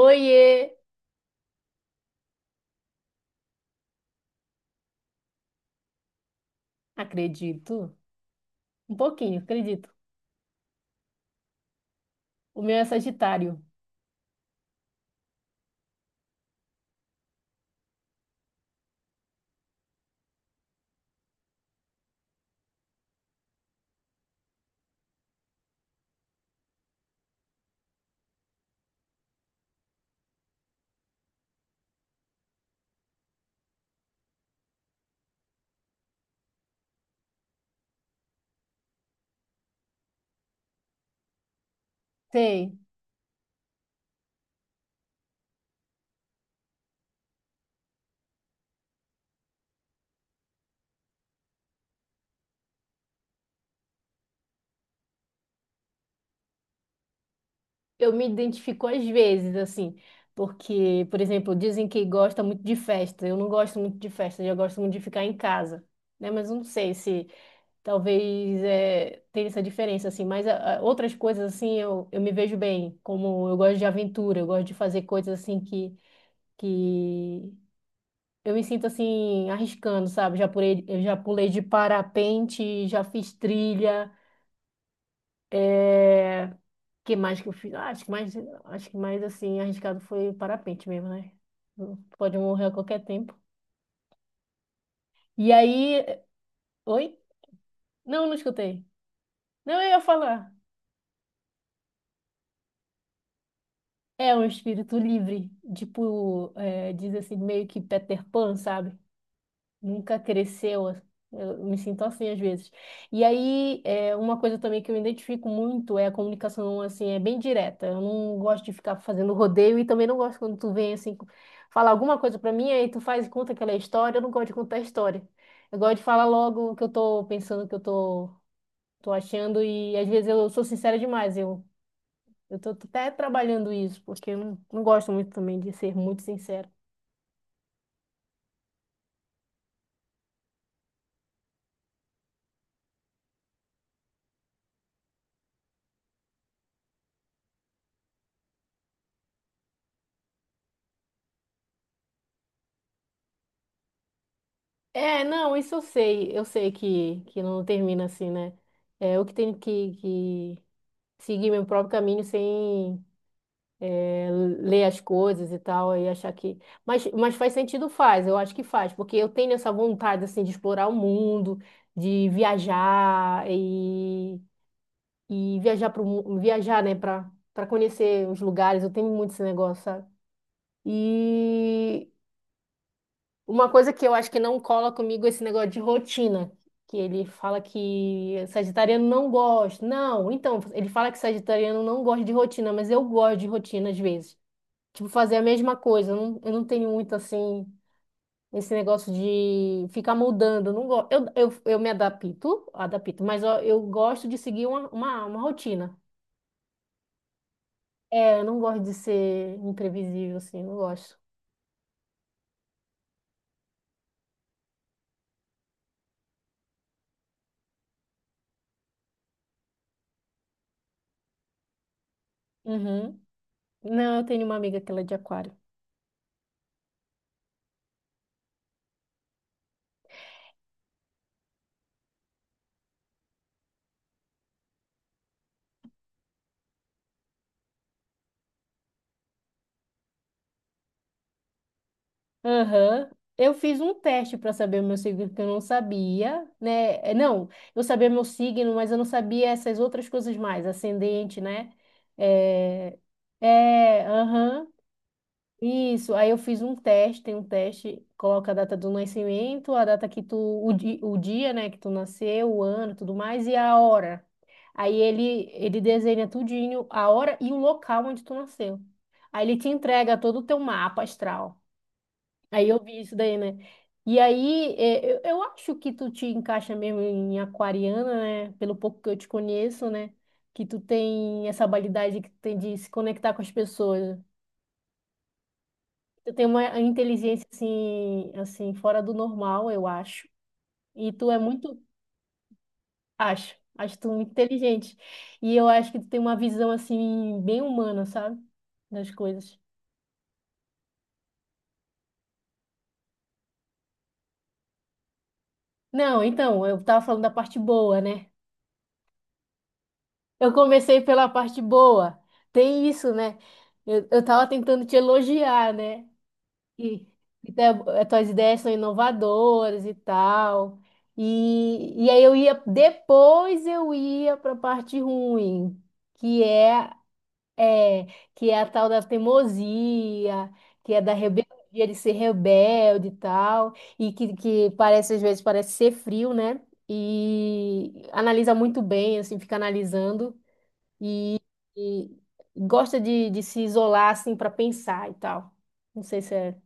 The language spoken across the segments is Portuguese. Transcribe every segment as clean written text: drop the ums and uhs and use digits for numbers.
Oiê! Acredito. Um pouquinho, acredito. O meu é Sagitário. Sei. Eu me identifico às vezes, assim, porque, por exemplo, dizem que gosta muito de festa. Eu não gosto muito de festa, eu gosto muito de ficar em casa, né? Mas eu não sei se talvez tenha essa diferença, assim. Mas outras coisas, assim, eu me vejo bem. Como eu gosto de aventura, eu gosto de fazer coisas, assim, que Eu me sinto assim, arriscando, sabe? Eu já pulei de parapente, já fiz trilha. É... Que mais que eu fiz? Ah, acho que mais assim, arriscado foi parapente mesmo, né? Pode morrer a qualquer tempo. E aí. Oi? Não, não escutei. Não, eu ia falar. É um espírito livre, tipo, é, diz assim, meio que Peter Pan, sabe? Nunca cresceu. Eu me sinto assim às vezes. E aí, é, uma coisa também que eu identifico muito é a comunicação, assim, é bem direta. Eu não gosto de ficar fazendo rodeio e também não gosto quando tu vem, assim, falar alguma coisa pra mim, aí tu faz e conta aquela história. Eu não gosto de contar história. Eu gosto de falar logo o que eu tô pensando, o que eu tô achando, e às vezes eu sou sincera demais. Eu tô até trabalhando isso, porque eu não gosto muito também de ser muito sincera. É, não, isso eu sei que não termina assim, né? É, eu que tenho que seguir meu próprio caminho sem é, ler as coisas e tal, e achar que. Mas faz sentido, faz, eu acho que faz, porque eu tenho essa vontade, assim, de explorar o mundo, de viajar e viajar para viajar, né, para conhecer os lugares, eu tenho muito esse negócio, sabe? E uma coisa que eu acho que não cola comigo é esse negócio de rotina, que ele fala que sagitariano não gosta. Não, então, ele fala que sagitariano não gosta de rotina, mas eu gosto de rotina às vezes. Tipo, fazer a mesma coisa. Eu não tenho muito assim, esse negócio de ficar mudando. Eu não gosto. Eu me adapto, mas ó, eu gosto de seguir uma rotina. É, eu não gosto de ser imprevisível, assim, eu não gosto. Uhum. Não, eu tenho uma amiga que ela é de aquário. Aham. Eu fiz um teste para saber o meu signo, que eu não sabia, né? É, não, eu sabia meu signo, mas eu não sabia essas outras coisas mais, ascendente, né? É, aham. Isso, aí eu fiz um teste, tem um teste, coloca a data do nascimento, a data que tu, o dia, né, que tu nasceu, o ano, tudo mais, e a hora. Aí ele desenha tudinho, a hora e o local onde tu nasceu. Aí ele te entrega todo o teu mapa astral. Aí eu vi isso daí, né? E aí, é, eu acho que tu te encaixa mesmo em aquariana, né? Pelo pouco que eu te conheço, né? Que tu tem essa habilidade que tu tem de se conectar com as pessoas. Tu tem uma inteligência assim, fora do normal, eu acho. E tu é muito, acho, acho tu muito inteligente. E eu acho que tu tem uma visão assim bem humana, sabe? Das coisas. Não, então, eu tava falando da parte boa, né? Eu comecei pela parte boa. Tem isso, né? Eu tava tentando te elogiar, né? E, e tá- tuas ideias são inovadoras e tal. E aí depois eu ia para a parte ruim, que é, que é a tal da teimosia, que é da rebeldia, de ser rebelde e tal, e que parece, às vezes, parece ser frio, né? E analisa muito bem, assim, fica analisando e gosta de se isolar assim para pensar e tal. Não sei se é.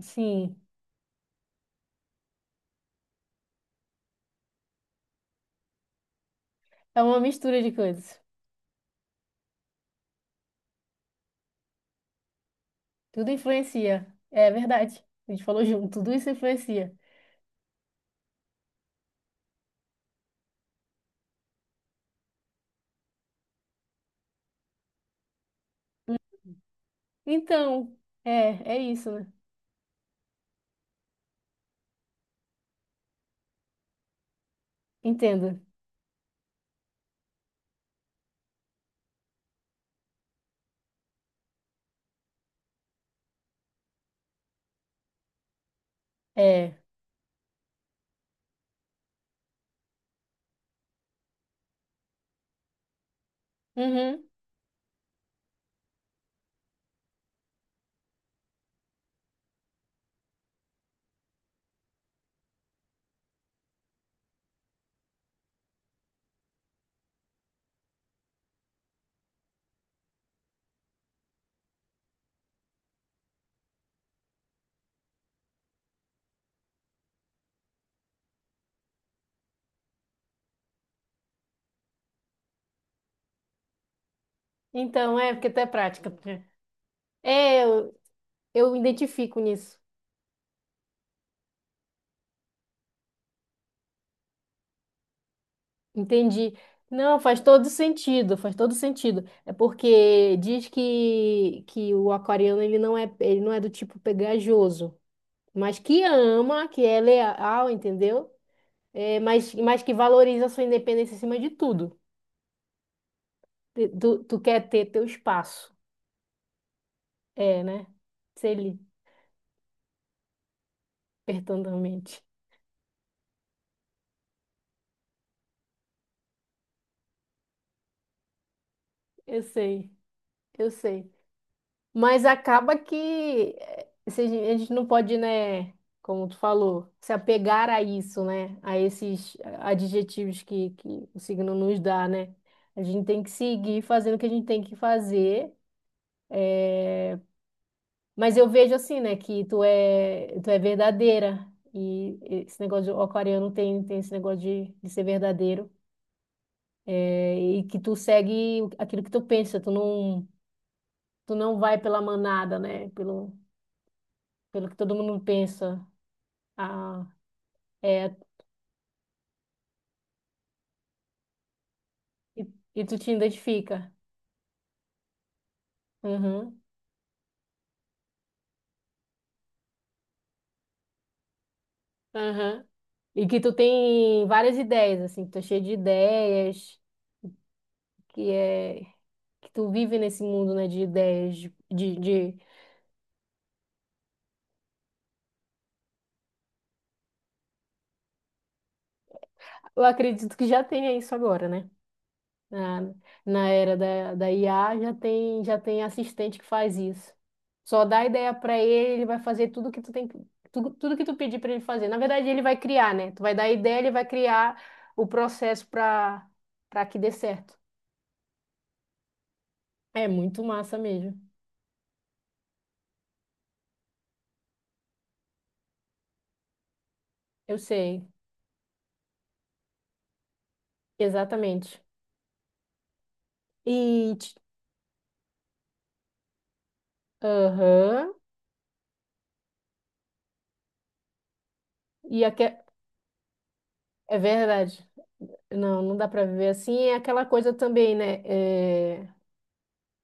Sim, é uma mistura de coisas. Tudo influencia. É verdade. A gente falou junto, tudo isso influencia. Então, é, é isso, né? Entendo. É. Uhum. Então, é, porque até é prática. É, eu me identifico nisso. Entendi. Não, faz todo sentido, faz todo sentido. É porque diz que o aquariano ele não é do tipo pegajoso, mas que ama, que é leal, entendeu? É, mas que valoriza a sua independência acima de tudo. Tu tu quer ter teu espaço. É, né? Sei lhe, perdonamente. Eu sei, eu sei. Mas acaba que eh, se a gente não pode, né? Como tu falou, se apegar a isso, né? A esses adjetivos que o signo nos dá, né? A gente tem que seguir fazendo o que a gente tem que fazer. Mas eu vejo assim, né, que tu é verdadeira. E esse negócio de o aquariano tem esse negócio de ser verdadeiro. É, e que tu segue aquilo que tu pensa. Tu não vai pela manada, né? Pelo que todo mundo pensa. Ah, é, e, e tu te identifica. Uhum, uhum. E que tu tem várias ideias, assim. Que tu é cheio de ideias. Que é... Que tu vive nesse mundo, né, de ideias, de Eu acredito que já tenha isso agora, né? Na, na era da IA já tem assistente que faz isso. Só dá ideia para ele, ele vai fazer tudo que tu tem, tudo, tudo que tu pedir para ele fazer. Na verdade, ele vai criar, né? Tu vai dar a ideia, ele vai criar o processo para que dê certo. É muito massa mesmo. Eu sei, exatamente. E ti- aham. E aque- é verdade. Não, não dá para viver assim. É aquela coisa também, né? É,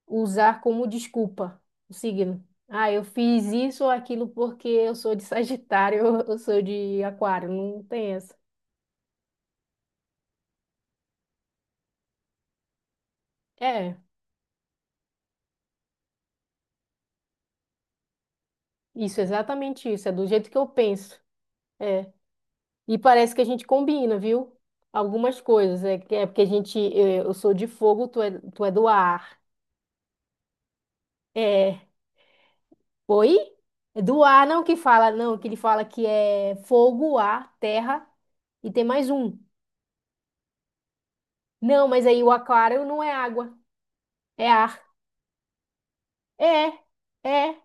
usar como desculpa o signo. Ah, eu fiz isso ou aquilo porque eu sou de Sagitário, eu sou de Aquário. Não tem essa. É, isso, exatamente isso. É do jeito que eu penso. É. E parece que a gente combina, viu? Algumas coisas. É, que- é porque a gente, é, eu sou de fogo, tu é do ar. É. Oi? É do ar, não que fala, não, que ele fala que é fogo, ar, terra e tem mais um. Não, mas aí o aquário não é água, é ar. É, é.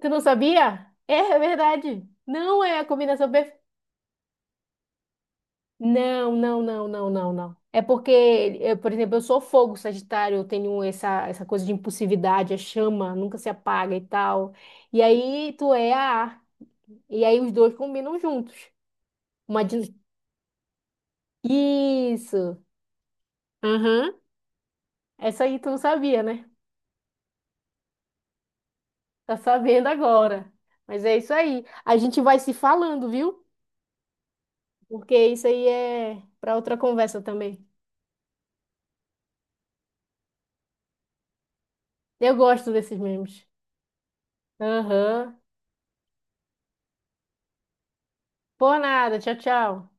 Tu não sabia? É, é verdade. Não é a combinação perfeita. Não, não, não, não, não, não. É porque, eu, por exemplo, eu sou fogo, Sagitário, eu tenho essa coisa de impulsividade, a chama nunca se apaga e tal. E aí tu é a ar. E aí os dois combinam juntos. Uma din- Isso. Aham. Essa aí tu não sabia, né? Tá sabendo agora. Mas é isso aí. A gente vai se falando, viu? Porque isso aí é para outra conversa também. Eu gosto desses memes. Aham. Por nada. Tchau, tchau.